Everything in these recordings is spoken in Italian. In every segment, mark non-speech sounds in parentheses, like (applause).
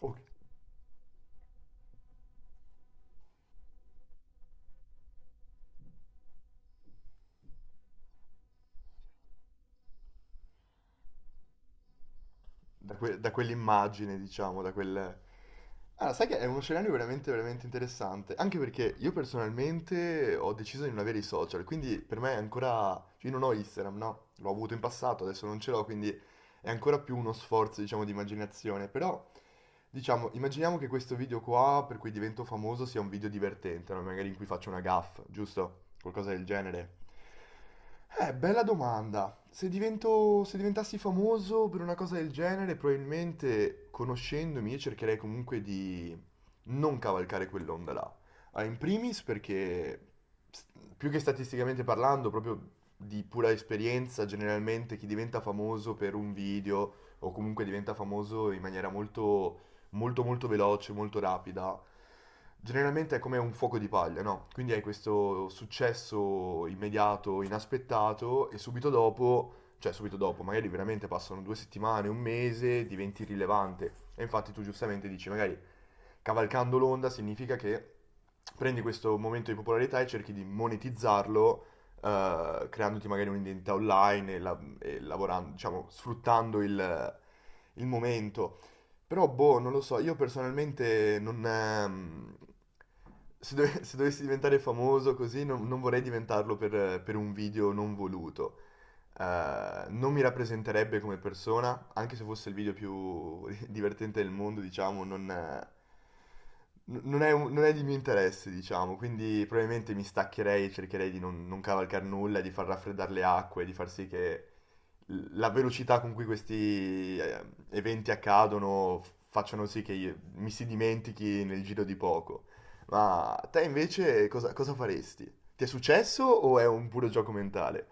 Ok. Da, que- da quell'immagine, diciamo, da quel... Ah, sai che è uno scenario veramente, veramente interessante, anche perché io personalmente ho deciso di non avere i social, quindi per me è ancora... cioè, io non ho Instagram, no? L'ho avuto in passato, adesso non ce l'ho, quindi è ancora più uno sforzo, diciamo, di immaginazione, però diciamo, immaginiamo che questo video qua, per cui divento famoso, sia un video divertente, no? Magari in cui faccio una gaffe, giusto? Qualcosa del genere. Bella domanda. Se divento, se diventassi famoso per una cosa del genere, probabilmente conoscendomi io cercherei comunque di non cavalcare quell'onda là. Ah, in primis perché, s- più che statisticamente parlando, proprio di pura esperienza, generalmente chi diventa famoso per un video o comunque diventa famoso in maniera molto molto veloce, molto rapida, generalmente è come un fuoco di paglia, no? Quindi hai questo successo immediato, inaspettato e subito dopo, cioè subito dopo, magari veramente passano due settimane, un mese, diventi rilevante. E infatti tu giustamente dici, magari cavalcando l'onda significa che prendi questo momento di popolarità e cerchi di monetizzarlo. Creandoti magari un'identità online e, la- e lavorando, diciamo, sfruttando il momento. Però, boh, non lo so, io personalmente non... se, dove- (laughs) se dovessi diventare famoso così, non, non vorrei diventarlo per un video non voluto. Non mi rappresenterebbe come persona, anche se fosse il video più (laughs) divertente del mondo, diciamo, non, n- non è, un- non è di mio interesse, diciamo, quindi probabilmente mi staccherei, cercherei di non, non cavalcare nulla, di far raffreddare le acque, di far sì che la velocità con cui questi eventi accadono f- facciano sì che io- mi si dimentichi nel giro di poco. Ma te invece cosa, cosa faresti? Ti è successo o è un puro gioco mentale?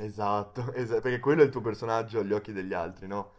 Esatto, (laughs) esa- perché quello è il tuo personaggio agli occhi degli altri, no?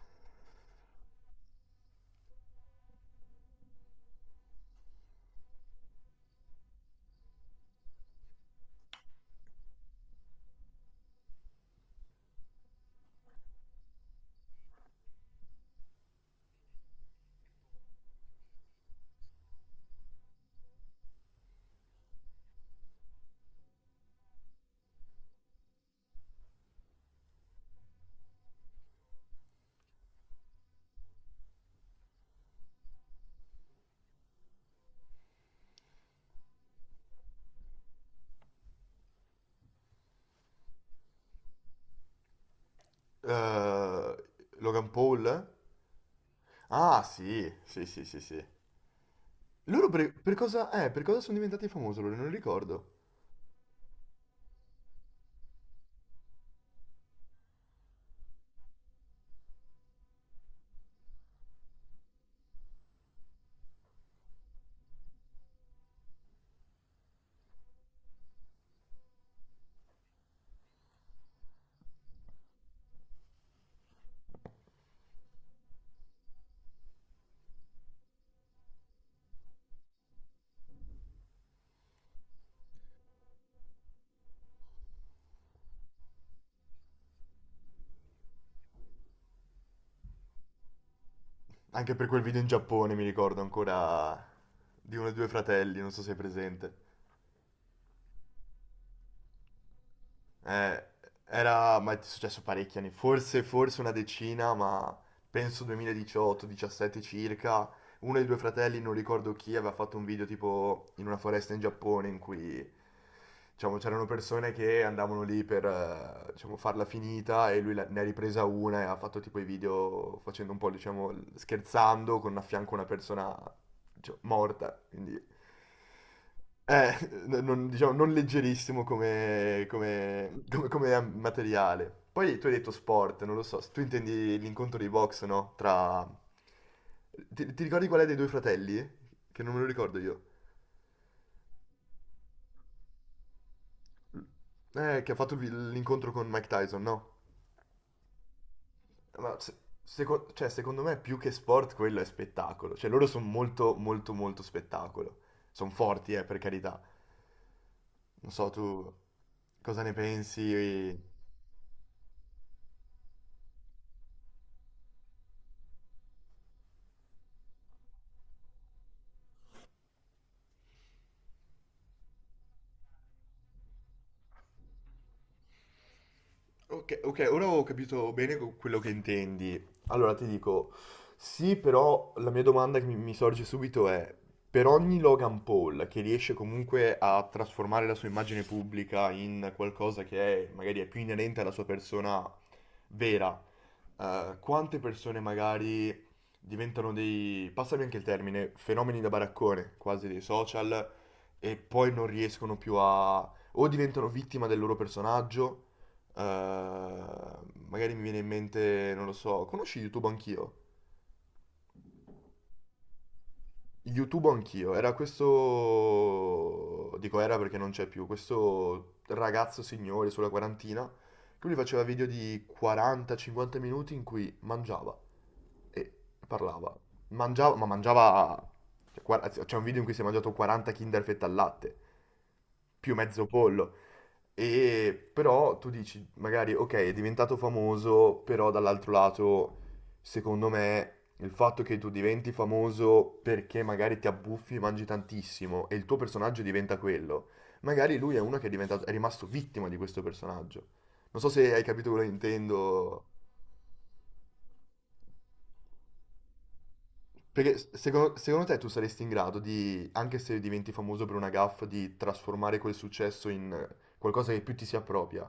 Eh, Logan Paul? Ah, sì, sì, sì, sì, sì. Loro per cosa sono diventati famosi? Loro non ricordo. Anche per quel video in Giappone mi ricordo ancora di uno dei due fratelli, non so se è presente. Eh, Era, ma è successo parecchi anni, forse, forse una decina, ma penso 2018-17 circa. Uno dei due fratelli, non ricordo chi, aveva fatto un video tipo in una foresta in Giappone in cui, diciamo, c'erano persone che andavano lì per, diciamo, farla finita e lui la- ne ha ripresa una e ha fatto tipo i video facendo un po', diciamo, scherzando con a fianco una persona cioè, morta, quindi... Eh, non, diciamo, non leggerissimo come, come- come- come materiale. Poi tu hai detto sport, non lo so, tu intendi l'incontro di box, no? Tra... Ti ricordi qual è dei due fratelli? Che non me lo ricordo io. Che ha fatto il- l'incontro con Mike Tyson, no? Ma se- seco- cioè, secondo me più che sport quello è spettacolo. Cioè loro sono molto molto spettacolo. Sono forti, per carità. Non so, tu cosa ne pensi? Ok, ok, ora ho capito bene co- quello che intendi. Allora ti dico, sì, però la mia domanda che mi sorge subito è, per ogni Logan Paul che riesce comunque a trasformare la sua immagine pubblica in qualcosa che è, magari è più inerente alla sua persona vera, quante persone magari diventano dei, passami anche il termine, fenomeni da baraccone, quasi dei social, e poi non riescono più a... o diventano vittima del loro personaggio. Magari mi viene in mente, non lo so, conosci YouTube Anch'io? YouTube Anch'io, era questo, dico era perché non c'è più, questo ragazzo signore sulla quarantina che lui faceva video di 40-50 minuti in cui mangiava e parlava. Mangiava, ma mangiava, cioè, guarda, c'è un video in cui si è mangiato 40 Kinder fette al latte, più mezzo pollo. E però tu dici, magari, ok, è diventato famoso, però dall'altro lato, secondo me, il fatto che tu diventi famoso perché magari ti abbuffi e mangi tantissimo e il tuo personaggio diventa quello, magari lui è uno che è diventato, è rimasto vittima di questo personaggio. Non so se hai capito quello che intendo. Perché s- secondo, secondo te tu saresti in grado di, anche se diventi famoso per una gaffe, di trasformare quel successo in qualcosa che più ti si appropria?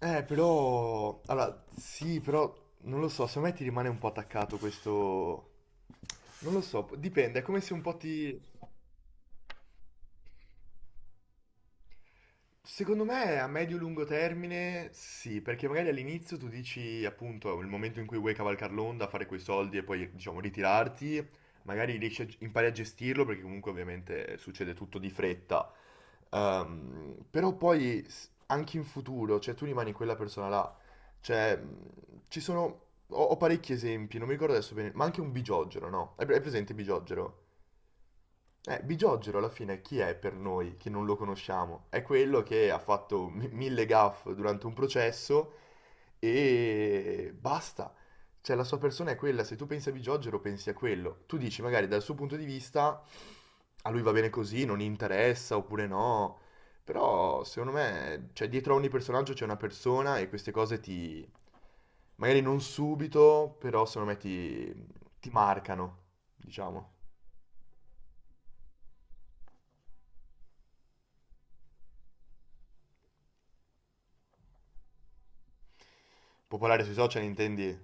Però... Allora, sì, però non lo so, secondo me ti rimane un po' attaccato questo... Non lo so, dipende, è come se un po' ti... Secondo me a medio-lungo termine sì, perché magari all'inizio tu dici appunto il momento in cui vuoi cavalcare l'onda, fare quei soldi e poi diciamo ritirarti, magari riesci a, g- impari a gestirlo perché comunque ovviamente succede tutto di fretta. Però poi s- anche in futuro, cioè tu rimani quella persona là, cioè ci sono, ho, ho parecchi esempi, non mi ricordo adesso bene, ma anche un bigiogero, no? Hai pre- hai presente il bigiogero? Bigiorgero alla fine chi è per noi che non lo conosciamo? È quello che ha fatto mi- mille gaffe durante un processo e basta. Cioè la sua persona è quella, se tu pensi a Bigiorgero pensi a quello. Tu dici magari dal suo punto di vista a lui va bene così, non gli interessa oppure no. Però secondo me, cioè dietro a ogni personaggio c'è una persona e queste cose ti... magari non subito, però secondo me ti, ti marcano, diciamo. Popolare sui social intendi?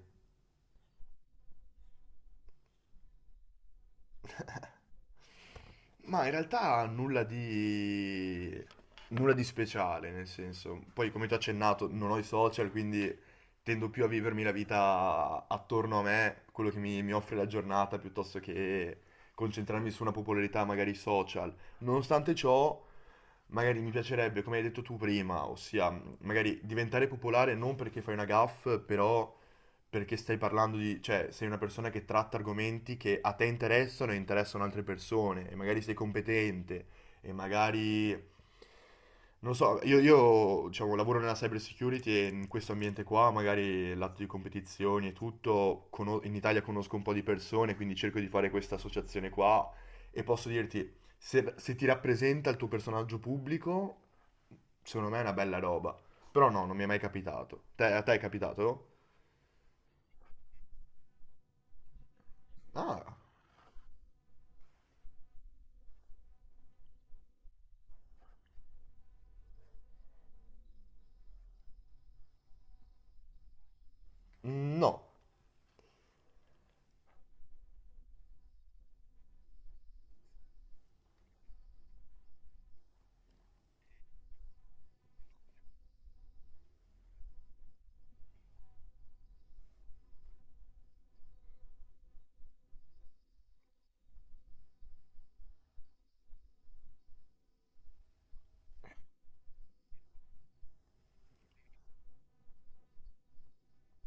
Ma in realtà nulla di speciale, nel senso. Poi come ti ho accennato, non ho i social, quindi tendo più a vivermi la vita attorno a me, quello che mi offre la giornata, piuttosto che concentrarmi su una popolarità magari social. Nonostante ciò, magari mi piacerebbe, come hai detto tu prima, ossia magari diventare popolare non perché fai una gaff, però perché stai parlando di, cioè, sei una persona che tratta argomenti che a te interessano e interessano altre persone, e magari sei competente, e magari, non lo so, io, diciamo, lavoro nella cyber security e in questo ambiente qua, magari il lato di competizioni e tutto, cono- in Italia conosco un po' di persone, quindi cerco di fare questa associazione qua, e posso dirti, se, se ti rappresenta il tuo personaggio pubblico, secondo me è una bella roba. Però no, non mi è mai capitato. Te- a te è capitato? Ah, no.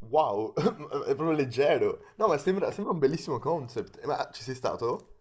Wow, (laughs) è proprio leggero. No, ma sembra, sembra un bellissimo concept. Ma ci sei stato?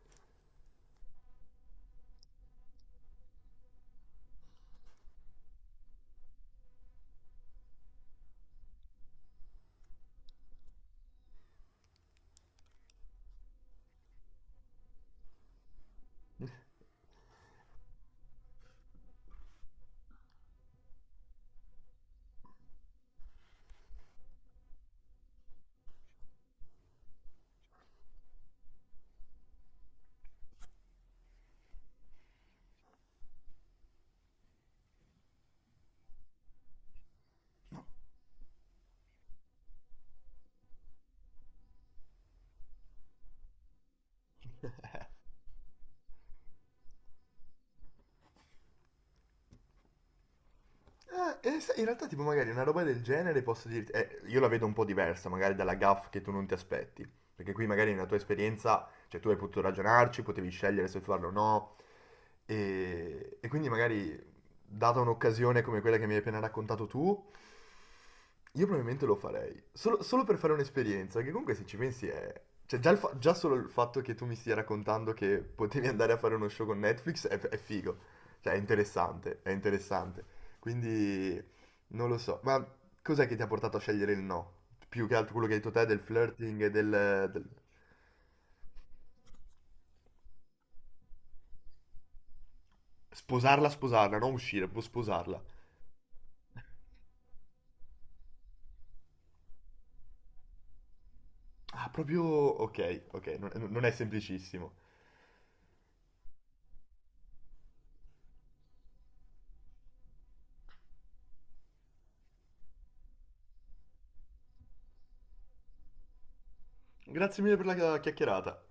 Sai, in realtà, tipo, magari una roba del genere posso dirti. Io la vedo un po' diversa, magari dalla gaff che tu non ti aspetti. Perché qui magari nella tua esperienza, cioè tu hai potuto ragionarci, potevi scegliere se farlo o no. E quindi magari, data un'occasione come quella che mi hai appena raccontato tu, io probabilmente lo farei. Solo, solo per fare un'esperienza, perché comunque se ci pensi è... cioè già, il fa- già solo il fatto che tu mi stia raccontando che potevi andare a fare uno show con Netflix è figo. Cioè è interessante, è interessante. Quindi non lo so. Ma cos'è che ti ha portato a scegliere il no? Più che altro quello che hai detto te del flirting e del, del- sposarla, sposarla, non uscire, proprio sposarla. Ah, proprio... Ok, ok, non, non è semplicissimo. Grazie mille per la chiacchierata.